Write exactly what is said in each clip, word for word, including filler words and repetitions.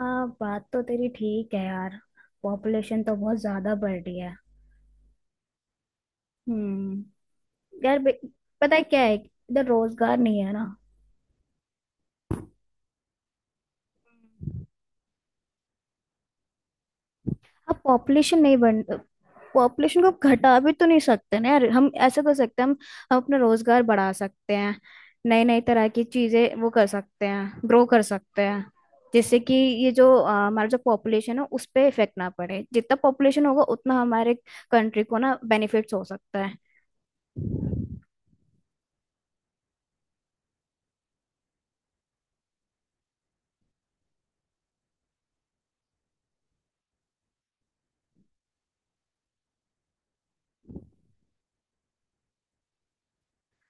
हाँ, बात तो तेरी ठीक है यार। पॉपुलेशन तो बहुत ज्यादा बढ़ रही है। हम्म। यार बे- पता है क्या है, इधर रोजगार नहीं है ना। अब पॉपुलेशन नहीं बढ़, पॉपुलेशन को अब घटा भी तो नहीं सकते ना यार। हम ऐसा कर सकते हैं, हम हम अपना रोजगार बढ़ा सकते हैं। नई नई तरह की चीजें वो कर सकते हैं, ग्रो कर सकते हैं, जिससे कि ये जो अ, हमारा जो पॉपुलेशन है उस पर इफेक्ट ना पड़े। जितना पॉपुलेशन होगा उतना हमारे कंट्री को ना बेनिफिट्स हो सकता है।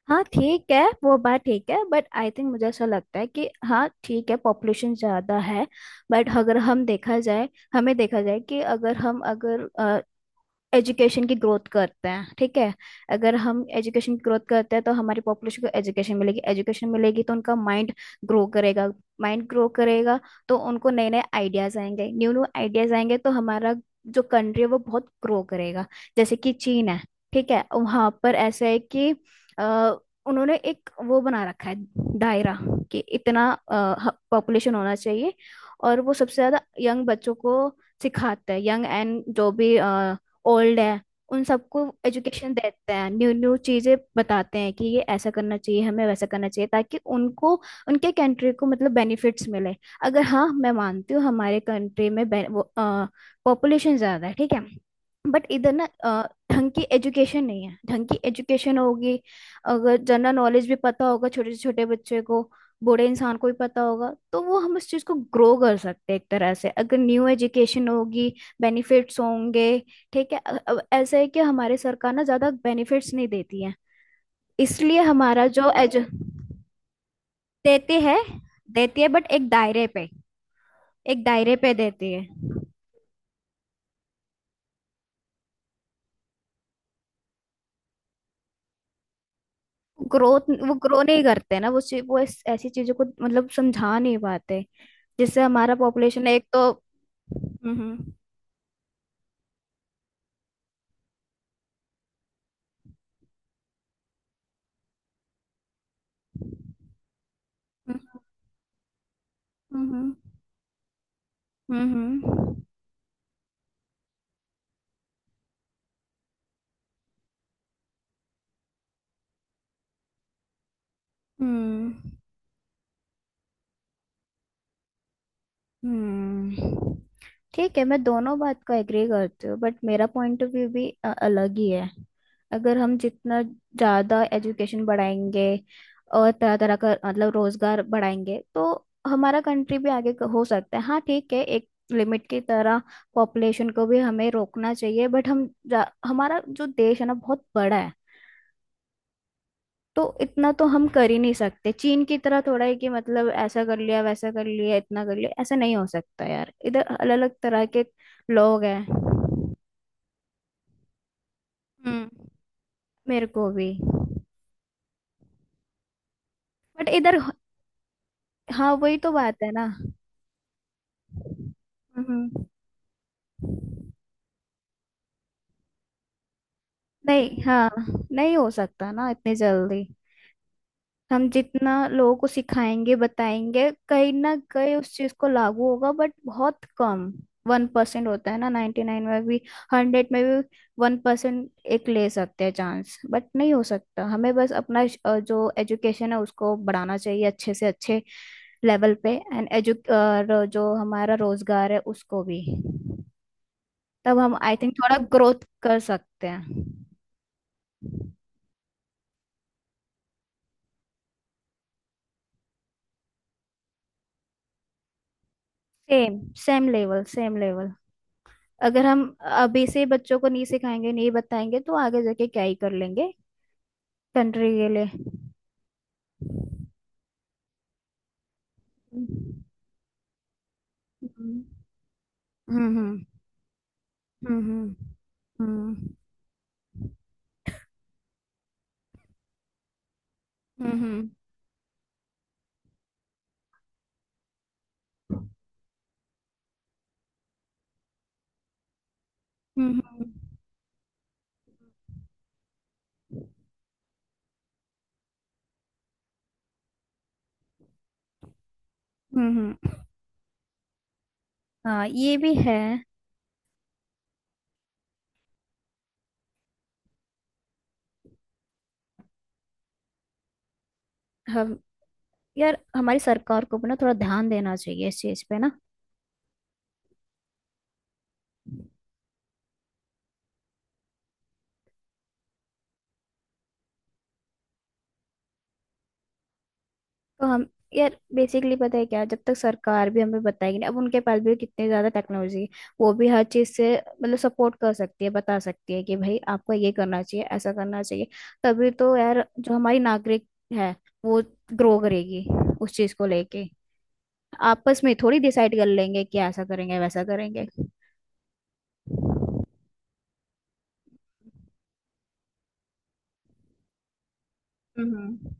हाँ ठीक है, वो बात ठीक है, बट आई थिंक, मुझे ऐसा लगता है कि हाँ ठीक है, पॉपुलेशन ज़्यादा है। बट अगर हम देखा जाए, हमें देखा जाए कि अगर हम अगर एजुकेशन की ग्रोथ करते हैं, ठीक है, अगर हम एजुकेशन की ग्रोथ करते हैं तो हमारी पॉपुलेशन को एजुकेशन मिलेगी। एजुकेशन मिलेगी तो उनका माइंड ग्रो करेगा। माइंड ग्रो करेगा तो उनको नए नए आइडियाज आएंगे। न्यू न्यू आइडियाज आएंगे तो हमारा जो कंट्री है वो बहुत ग्रो करेगा। जैसे कि चीन है, ठीक है, वहां पर ऐसा है कि अ, उन्होंने एक वो बना रखा है, दायरा, कि इतना पॉपुलेशन होना चाहिए। और वो सबसे ज्यादा यंग बच्चों को सिखाते हैं, यंग एंड जो भी ओल्ड है, उन सबको एजुकेशन देते हैं। न्यू न्यू चीजें बताते हैं कि ये ऐसा करना चाहिए, हमें वैसा करना चाहिए, ताकि उनको, उनके कंट्री को मतलब बेनिफिट्स मिले। अगर हाँ, मैं मानती हूँ हमारे कंट्री में पॉपुलेशन ज्यादा है, ठीक है, बट इधर ना अ, ढंग की एजुकेशन नहीं है। ढंग की एजुकेशन होगी, अगर जनरल नॉलेज भी पता होगा छोटे से छोटे बच्चे को, बूढ़े इंसान को भी पता होगा, तो वो हम उस चीज़ को ग्रो कर सकते हैं एक तरह से। अगर न्यू एजुकेशन होगी, बेनिफिट्स होंगे। ठीक है, अ- अब ऐसा है कि हमारे सरकार ना ज्यादा बेनिफिट्स नहीं देती है, इसलिए हमारा जो एज, देती है, देती है बट एक दायरे पे, एक दायरे पे देती है। ग्रोथ, वो ग्रो नहीं करते ना। वो चीज- वो इस, ऐसी चीजों को मतलब समझा नहीं पाते, जिससे हमारा पॉपुलेशन एक तो हम्म। हम्म, हम्म, हम्म, हम्म, हम्म, हम्म। हम्म, ठीक है, मैं दोनों बात को एग्री करती हूँ, बट मेरा पॉइंट ऑफ व्यू भी अ, अलग ही है। अगर हम जितना ज़्यादा एजुकेशन बढ़ाएंगे और तरह तरह का मतलब रोजगार बढ़ाएंगे, तो हमारा कंट्री भी आगे क- हो सकता है। हाँ ठीक है, एक लिमिट की तरह पॉपुलेशन को भी हमें रोकना चाहिए, बट हम जा- हमारा जो देश है ना बहुत बड़ा है, तो इतना तो हम कर ही नहीं सकते। चीन की तरह थोड़ा है कि मतलब ऐसा कर लिया, वैसा कर लिया, इतना कर लिया, ऐसा नहीं हो सकता यार। इधर अलग अलग तरह के लोग हैं। हम्म। मेरे को भी। बट इधर, हाँ वही तो बात है ना। हम्म। नहीं, हाँ, नहीं हो सकता ना इतनी जल्दी। हम जितना लोगों को सिखाएंगे बताएंगे, कहीं ना कहीं उस चीज को लागू होगा, बट बहुत कम। वन परसेंट होता है ना, नाइन्टी नाइन में भी, हंड्रेड में भी वन परसेंट। एक ले सकते हैं चांस, बट नहीं हो सकता। हमें बस अपना अ, जो एजुकेशन है उसको बढ़ाना चाहिए अच्छे से अच्छे लेवल पे, एंड एजु, और जो हमारा रोजगार है उसको भी, तब हम आई थिंक थोड़ा ग्रोथ कर सकते हैं। Same, same level, same level. अगर हम अभी से बच्चों को नहीं सिखाएंगे, नहीं बताएंगे, तो आगे जाके क्या ही कर लेंगे कंट्री के लिए। हम्म, हम्म, हम्म, हम्म, हम्म, हम्म। हम्म, हाँ ये भी है। हम, यार हमारी सरकार को भी ना थोड़ा ध्यान देना चाहिए इस चीज पे ना। तो हम, यार बेसिकली पता है क्या, जब तक सरकार भी हमें बताएगी ना। अब उनके पास भी कितनी ज्यादा टेक्नोलॉजी है, वो भी हर चीज से मतलब सपोर्ट कर सकती है, बता सकती है कि भाई आपको ये करना चाहिए, ऐसा करना चाहिए, तभी तो यार जो हमारी नागरिक है वो ग्रो करेगी उस चीज को लेके। आपस में थोड़ी डिसाइड कर लेंगे कि ऐसा करेंगे, वैसा करेंगे। हम्म,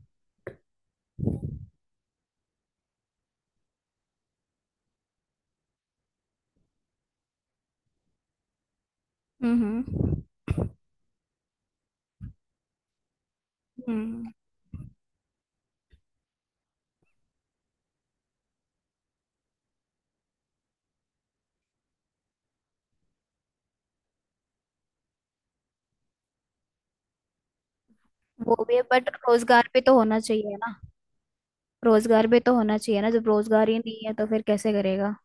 हम्म, हम्म। वो भी है, बट रोजगार भी तो होना चाहिए ना। रोजगार भी तो होना चाहिए ना, जब रोजगार ही नहीं है तो फिर कैसे करेगा।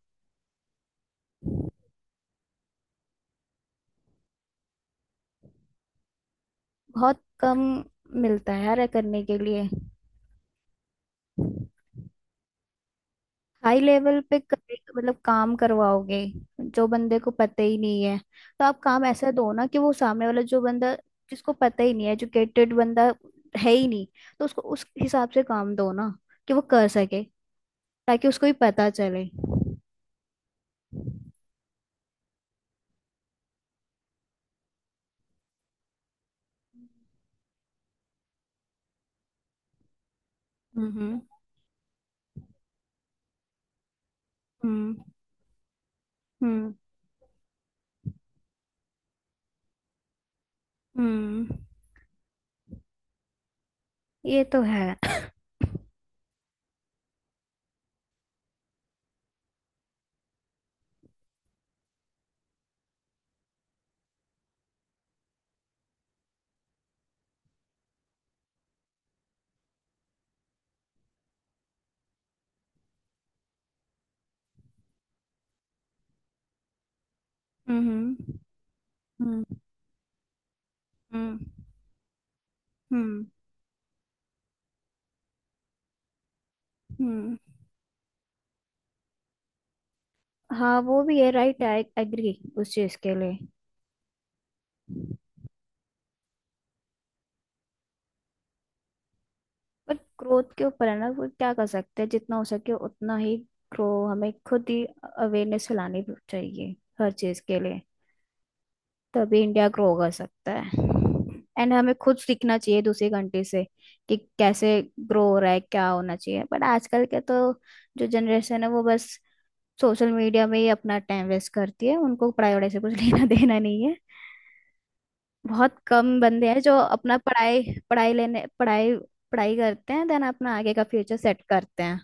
बहुत कम मिलता है यार करने के लिए। हाई लेवल पे करे- मतलब काम करवाओगे जो बंदे को पता ही नहीं है। तो आप काम ऐसा दो ना कि वो सामने वाला जो बंदा, जिसको पता ही नहीं है, एजुकेटेड बंदा है ही नहीं, तो उसको उस हिसाब से काम दो ना कि वो कर सके, ताकि उसको भी पता चले। हम्म, हम्म, हम्म, हम्म। ये तो है। हम्म, हम्म, हम्म, हम्म, हम्म। हाँ वो भी है, राइट, आई एग्री उस चीज के लिए। पर ग्रोथ के ऊपर है ना, वो क्या कर सकते हैं, जितना हो सके उतना ही ग्रो। हमें खुद ही अवेयरनेस फैलानी चाहिए हर चीज के लिए, तभी इंडिया ग्रो कर सकता है। एंड हमें खुद सीखना चाहिए दूसरी कंट्री से कि कैसे ग्रो हो रहा है, क्या होना चाहिए। बट आजकल के तो जो जनरेशन है वो बस सोशल मीडिया में ही अपना टाइम वेस्ट करती है। उनको पढ़ाई वढ़ाई से कुछ लेना देना नहीं है। बहुत कम बंदे हैं जो अपना पढ़ाई पढ़ाई लेने पढ़ाई पढ़ाई करते हैं, देन अपना आगे का फ्यूचर सेट करते हैं।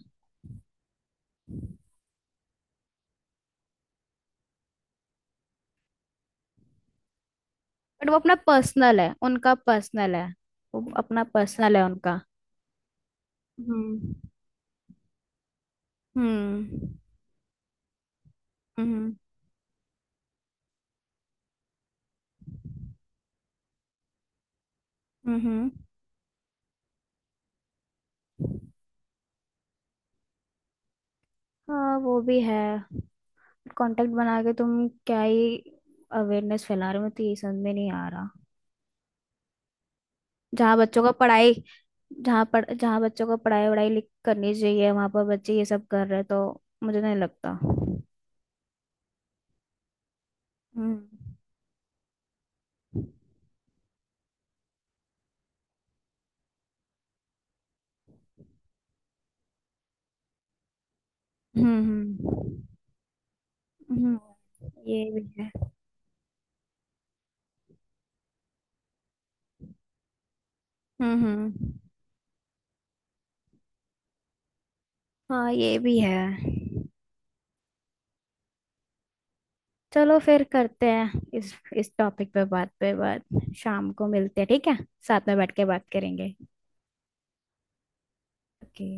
बट वो अपना पर्सनल है, उनका पर्सनल है। वो अपना पर्सनल है, उनका, हम्म, हम्म, हम्म, हम्म। हाँ वो भी है। कांटेक्ट बना के तुम क्या ही अवेयरनेस फैला रहे हो, मैं तो यही समझ में नहीं आ रहा। जहाँ बच्चों का पढ़ाई, जहाँ पढ़, जहाँ बच्चों का पढ़ाई वढ़ाई लिख करनी चाहिए, वहाँ पर बच्चे ये सब कर रहे हैं, तो मुझे नहीं लगता। हम्म, हम्म, हम्म, हम्म, ये भी है। हम्म, हम्म, हाँ ये भी है। चलो फिर करते हैं इस इस टॉपिक पे बात, पे बात। शाम को मिलते हैं, ठीक है। साथ में बैठ के बात करेंगे। ओके।